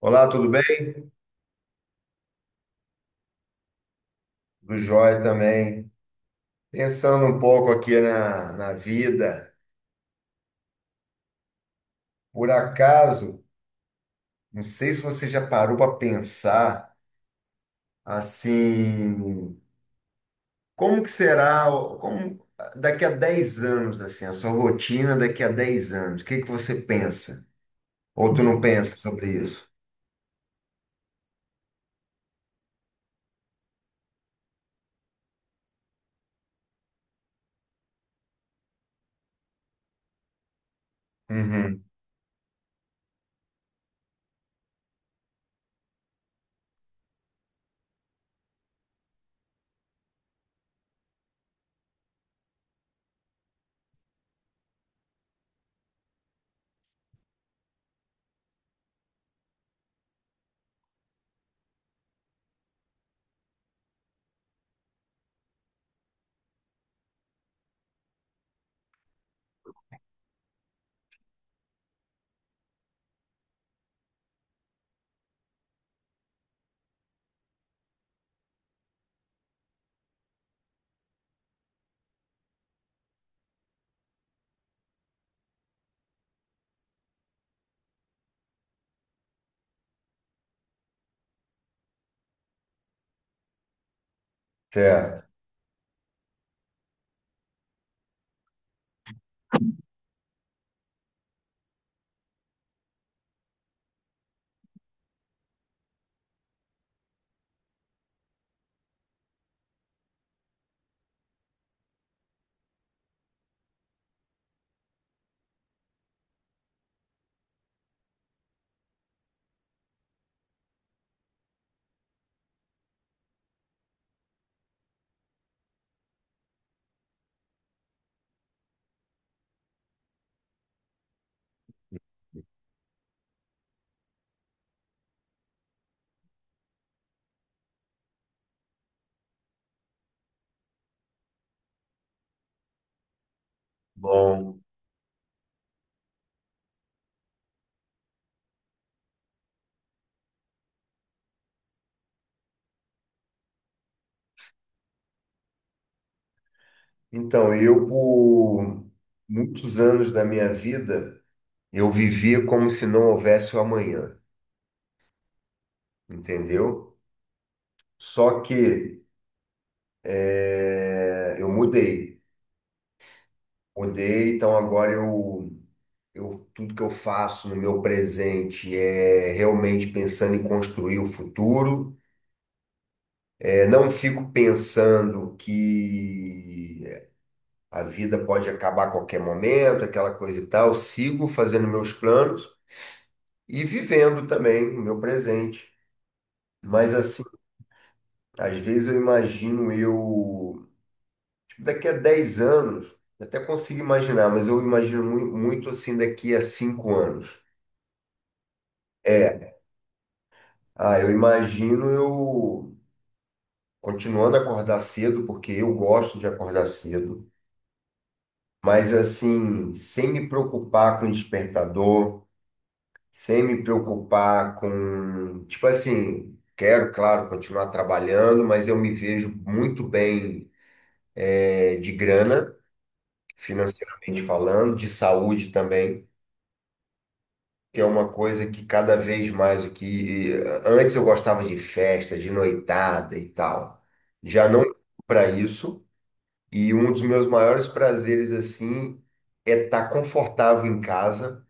Olá, tudo bem? Tudo jóia também. Pensando um pouco aqui na vida, por acaso, não sei se você já parou para pensar assim, como que será, como daqui a 10 anos, assim, a sua rotina daqui a 10 anos, o que que você pensa? Ou tu não pensa sobre isso? Uhum, certo. Bom, então, eu por muitos anos da minha vida, eu vivia como se não houvesse o amanhã, entendeu? Só que eu mudei. Mudei, então eu tudo que eu faço no meu presente é realmente pensando em construir o futuro. É, não fico pensando que a vida pode acabar a qualquer momento, aquela coisa e tal. Sigo fazendo meus planos e vivendo também o meu presente. Mas assim, às vezes eu imagino eu daqui a 10 anos, até consigo imaginar, mas eu imagino muito, assim daqui a 5 anos. É, ah, eu imagino eu continuando a acordar cedo, porque eu gosto de acordar cedo, mas assim, sem me preocupar com despertador, sem me preocupar com, tipo assim, quero, claro, continuar trabalhando, mas eu me vejo muito bem, é, de grana, financeiramente falando, de saúde também. Que é uma coisa que cada vez mais o que antes eu gostava de festa, de noitada e tal. Já não para isso, e um dos meus maiores prazeres assim é estar confortável em casa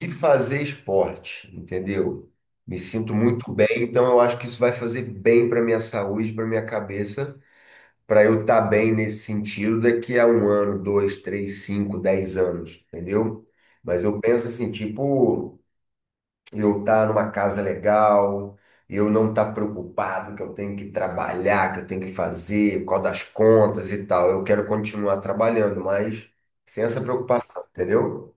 e fazer esporte, entendeu? Me sinto muito bem, então eu acho que isso vai fazer bem para minha saúde, para minha cabeça, para eu estar bem nesse sentido daqui a um ano, dois, três, cinco, dez anos, entendeu? Mas eu penso assim, tipo, eu estar numa casa legal, eu não estar preocupado que eu tenho que trabalhar, que eu tenho que fazer, por causa das contas e tal. Eu quero continuar trabalhando, mas sem essa preocupação, entendeu?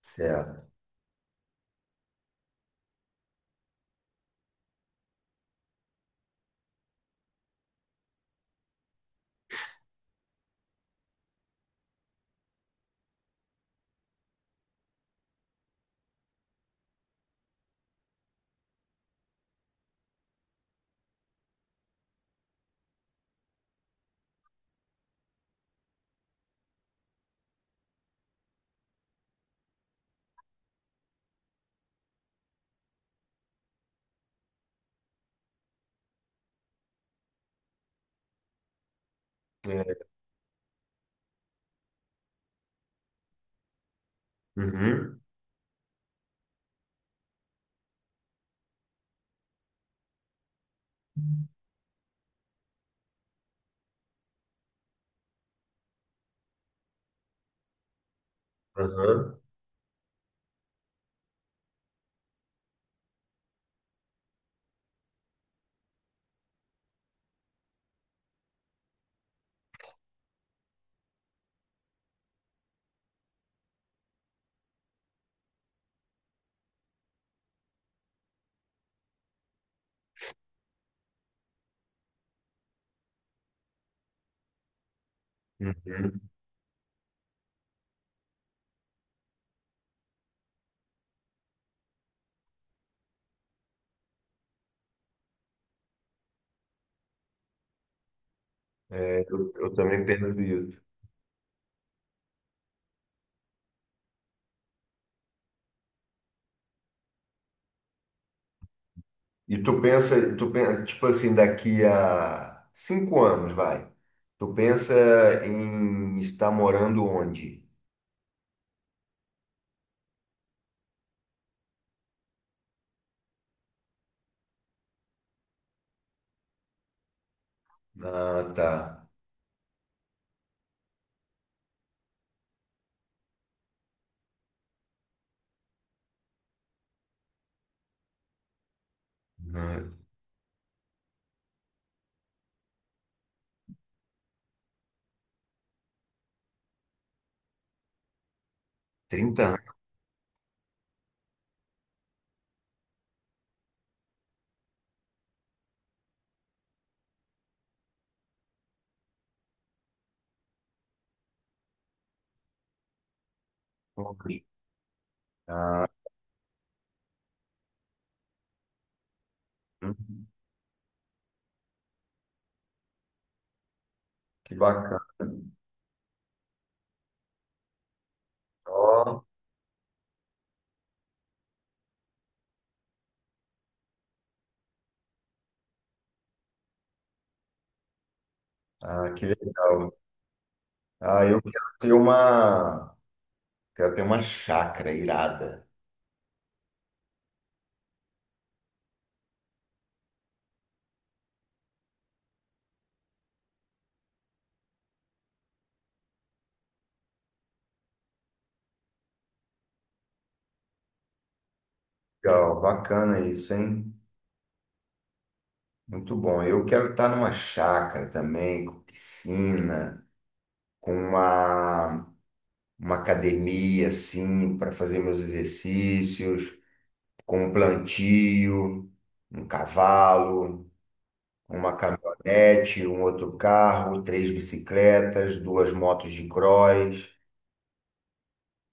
Certo. É. Uhum. Uhum. Uhum. É, eu também percebo isso. E tu pensa, tipo assim, daqui a cinco anos, vai. Tu pensa em estar morando onde? Ah, tá. Ah, 30 anos. Ah, uhum, que bacana. Ó, ah, que legal. Ah, eu quero ter uma chácara irada. Legal, bacana isso, hein? Muito bom. Eu quero estar numa chácara também, com piscina, com uma academia assim para fazer meus exercícios, com um plantio, um cavalo, uma caminhonete, um outro carro, três bicicletas, duas motos de cross.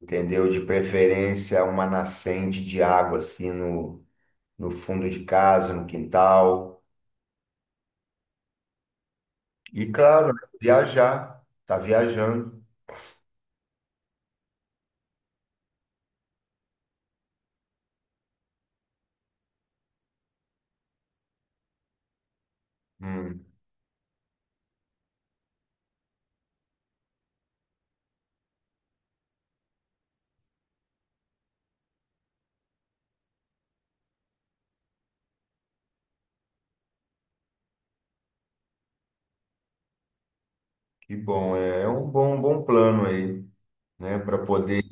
Entendeu? De preferência uma nascente de água assim no, no fundo de casa, no quintal. E claro, né, viajar, tá viajando. Hum, que bom, é, é um bom plano aí, né? Para poder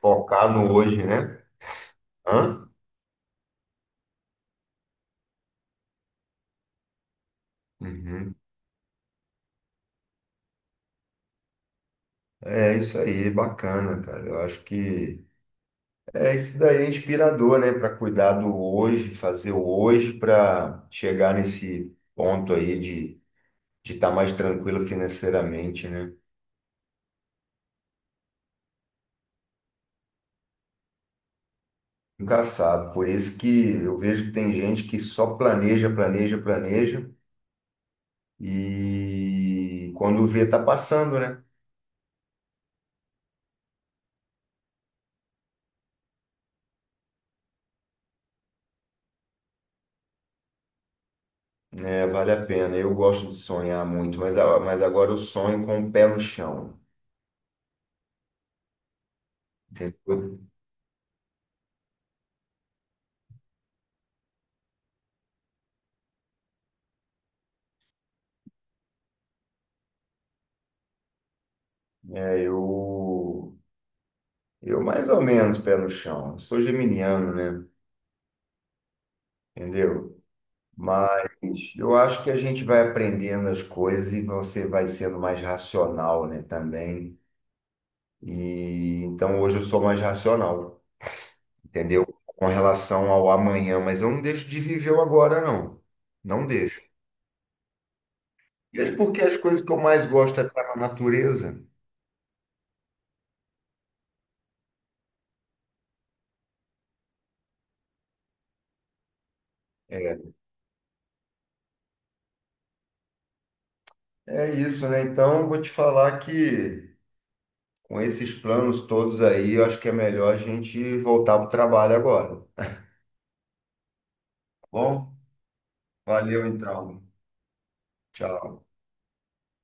focar no hoje, né? Hã? Uhum. É isso aí, bacana, cara. Eu acho que é isso daí é inspirador, né? Para cuidar do hoje, fazer o hoje para chegar nesse ponto aí de estar mais tranquilo financeiramente, né? Nunca sabe. Por isso que eu vejo que tem gente que só planeja, planeja, planeja e quando vê tá passando, né? É, vale a pena. Eu gosto de sonhar muito, mas, mas agora eu sonho com o pé no chão, entendeu? É, eu mais ou menos pé no chão. Eu sou geminiano, né? Entendeu? Mas eu acho que a gente vai aprendendo as coisas e você vai sendo mais racional, né? Também. E então hoje eu sou mais racional. Entendeu? Com relação ao amanhã, mas eu não deixo de viver o agora, não. Não deixo. Mesmo porque as coisas que eu mais gosto é estar na natureza. É, é isso, né? Então, eu vou te falar que com esses planos todos aí, eu acho que é melhor a gente voltar para o trabalho agora, tá bom? Valeu, então. Tchau.